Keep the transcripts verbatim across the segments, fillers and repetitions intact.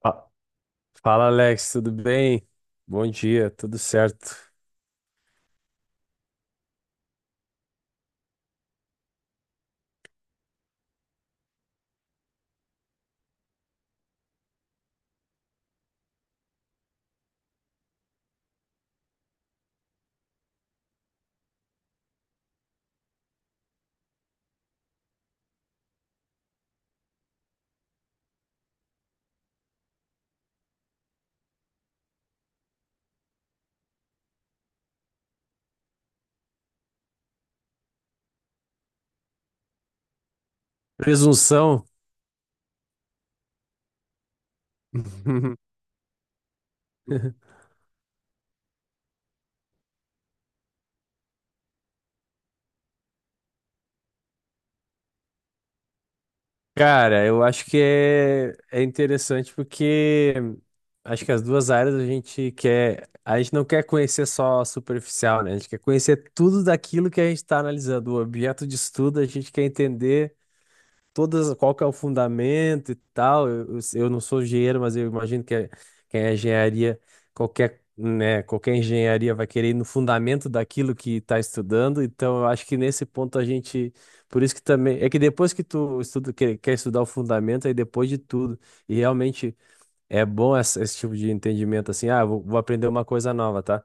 Fa- Fala, Alex, tudo bem? Bom dia, tudo certo. Presunção? Cara, eu acho que é, é interessante porque acho que as duas áreas a gente quer, a gente não quer conhecer só a superficial, né? A gente quer conhecer tudo daquilo que a gente está analisando, o objeto de estudo, a gente quer entender todas, qual que é o fundamento e tal. Eu, eu, eu não sou engenheiro, mas eu imagino que é- quem é engenharia, qualquer, né, qualquer engenharia vai querer ir no fundamento daquilo que está estudando. Então, eu acho que nesse ponto a gente, por isso que também, é que depois que tu estuda, quer, quer estudar o fundamento, aí depois de tudo, e realmente é bom essa- esse, tipo de entendimento assim. Ah, eu vou, vou aprender uma coisa nova, tá?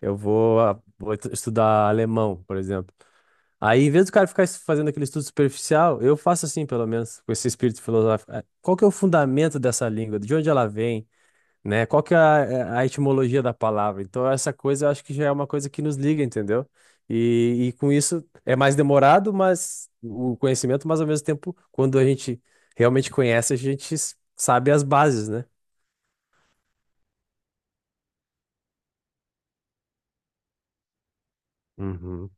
Eu vou, ah, vou estudar alemão, por exemplo. Aí, em vez do cara ficar fazendo aquele estudo superficial, eu faço assim, pelo menos, com esse espírito filosófico. Ah, qual que é o fundamento dessa língua? De onde ela vem? Né? Qual que é a, é, a etimologia da palavra? Então, essa coisa eu acho que já é uma coisa que nos liga, entendeu? E, e com isso é mais demorado, mas o conhecimento, mas ao mesmo tempo, quando a gente realmente conhece, a gente s- sabe as bases, né? Uhum,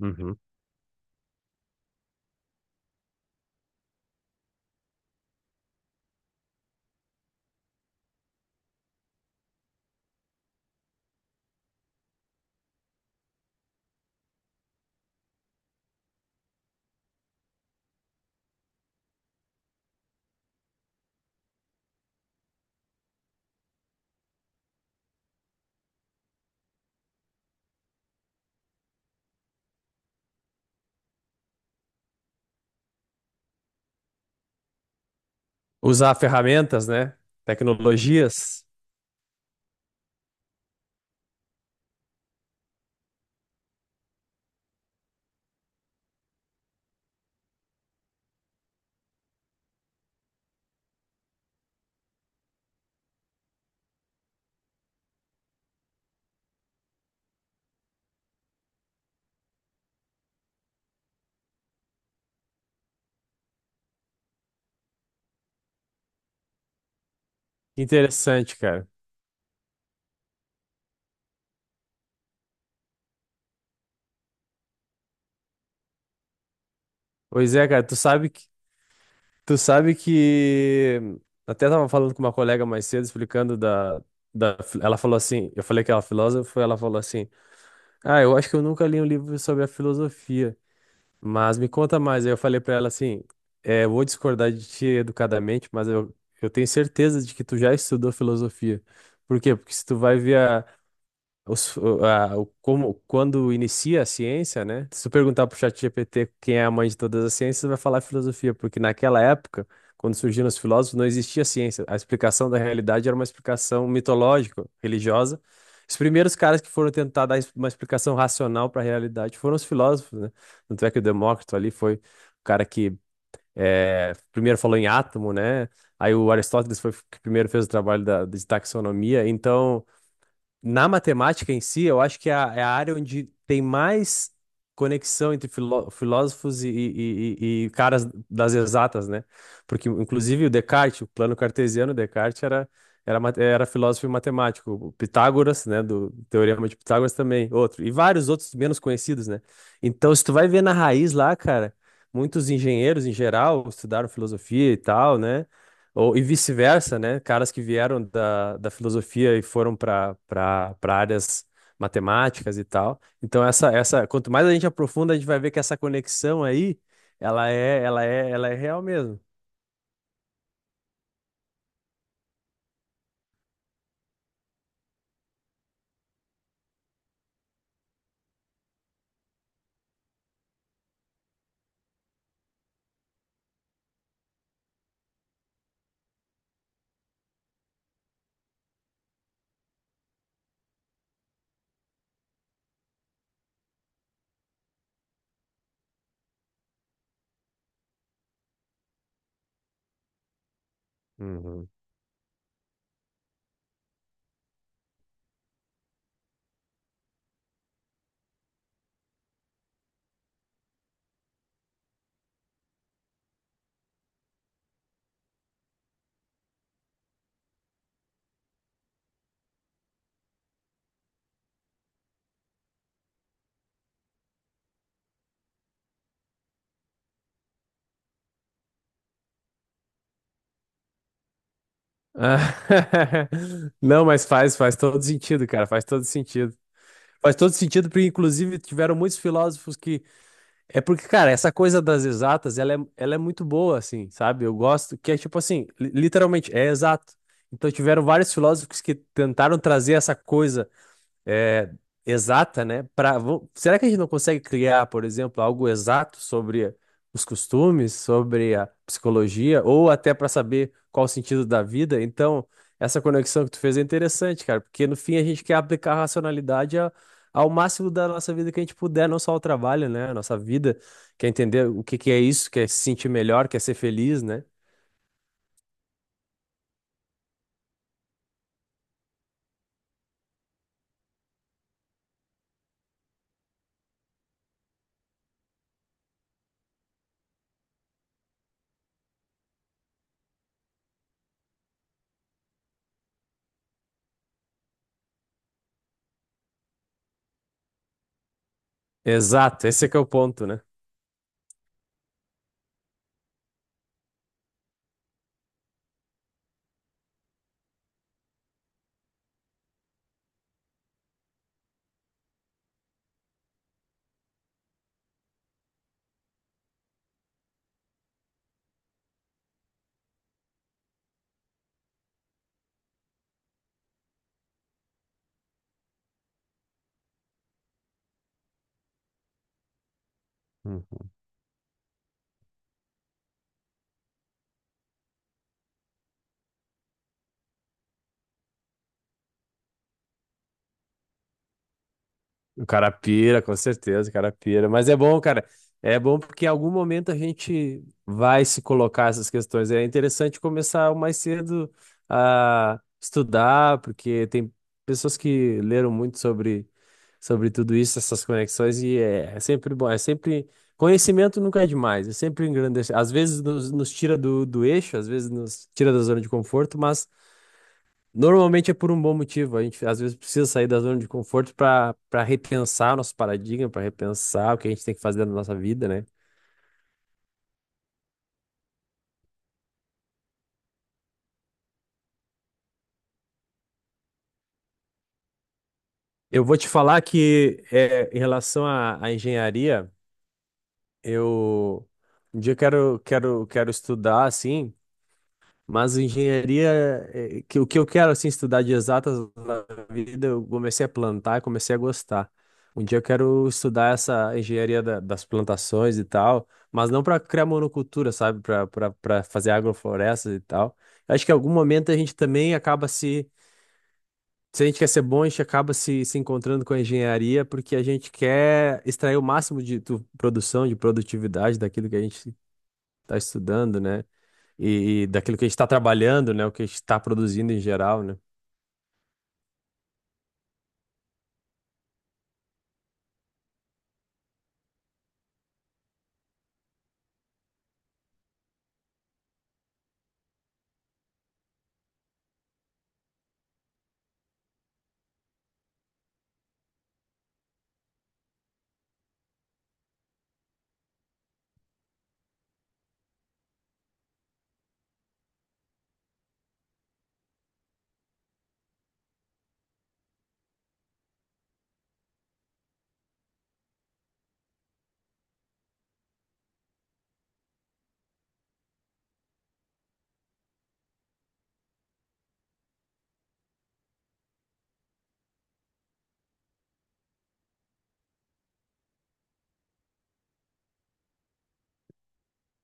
uhum. Usar ferramentas, né? Tecnologias. Interessante, cara. Pois é, cara, tu sabe que. Tu sabe que até tava falando com uma colega mais cedo, explicando da, da. Ela falou assim, eu falei que ela é filósofa, ela falou assim, ah, eu acho que eu nunca li um livro sobre a filosofia, mas me conta mais. Aí eu falei pra ela assim, é, eu vou discordar de ti educadamente, mas eu, eu tenho certeza de que tu já estudou filosofia. Por quê? Porque se tu vai ver os- o- a- o- como, quando inicia a ciência, né? Se tu perguntar pro ChatGPT quem é a mãe de todas as ciências, vai falar filosofia, porque naquela época, quando surgiram os filósofos, não existia ciência. A explicação da realidade era uma explicação mitológica, religiosa. Os primeiros caras que foram tentar dar es- uma explicação racional para a realidade foram os filósofos, né? Tanto é que o Demócrito ali foi o cara que eh, primeiro falou em átomo, né? Aí o Aristóteles foi o que primeiro fez o trabalho da, de taxonomia. Então, na matemática em si, eu acho que é a, é a área onde tem mais conexão entre filó- filósofos e, e- e- e caras das exatas, né? Porque, inclusive, o Descartes, o plano cartesiano, Descartes era, era, ma- era filósofo e matemático. O Pitágoras, né, do Teorema de Pitágoras também, outro. E vários outros menos conhecidos, né? Então, se tu vai ver na raiz lá, cara, muitos engenheiros, em geral, estudaram filosofia e tal, né? Ou, e vice-versa, né? Caras que vieram da, da filosofia e foram para para áreas matemáticas e tal. Então, essa, essa, quanto mais a gente aprofunda, a gente vai ver que essa conexão aí, ela é, ela é, ela é real mesmo. Uhum. Ah, não, mas faz, faz todo sentido, cara, faz todo sentido. Faz todo sentido, porque inclusive tiveram muitos filósofos que... É porque, cara, essa coisa das exatas, ela é, ela é muito boa, assim, sabe? Eu gosto que é tipo assim, li- literalmente, é exato. Então tiveram vários filósofos que tentaram trazer essa coisa, é, exata, né? Pra, vo- será que a gente não consegue criar, por exemplo, algo exato sobre os costumes, sobre a psicologia, ou até para saber qual o sentido da vida? Então, essa conexão que tu fez é interessante, cara, porque no fim a gente quer aplicar a racionalidade a- ao máximo da nossa vida que a gente puder, não só ao trabalho, né? A nossa vida, quer entender o que que é isso, quer se sentir melhor, quer ser feliz, né? Exato, esse é que é o ponto, né? Uhum. O cara pira, com certeza, o cara pira. Mas é bom, cara. É bom porque em algum momento a gente vai se colocar essas questões. É interessante começar o mais cedo a estudar, porque tem pessoas que leram muito sobre, sobre tudo isso, essas conexões, e é, é sempre bom. É sempre. Conhecimento nunca é demais, é sempre engrandece. Às vezes nos, nos tira do, do eixo, às vezes nos tira da zona de conforto, mas normalmente é por um bom motivo. A gente às vezes precisa sair da zona de conforto para para repensar nosso paradigma, para repensar o que a gente tem que fazer na nossa vida, né? Eu vou te falar que é, em relação à, à engenharia, eu um dia eu quero quero quero estudar assim. Mas engenharia, é, que, o que eu quero assim estudar de exatas na vida, eu comecei a plantar, e comecei a gostar. Um dia eu quero estudar essa engenharia da- das plantações e tal, mas não para criar monocultura, sabe? Para para fazer agroflorestas e tal. Acho que em algum momento a gente também acaba se. Se a gente quer ser bom, a gente acaba se, se encontrando com a engenharia, porque a gente quer extrair o máximo de tu- produção, de produtividade daquilo que a gente está estudando, né? e, e daquilo que a gente está trabalhando, né? O que a gente está produzindo em geral, né?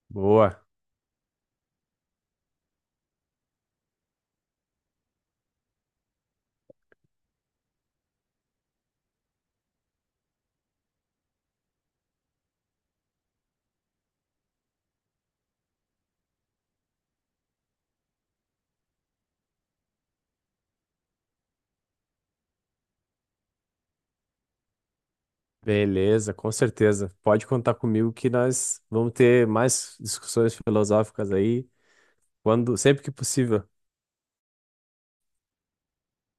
Boa, beleza, com certeza. Pode contar comigo que nós vamos ter mais discussões filosóficas aí quando, sempre que possível.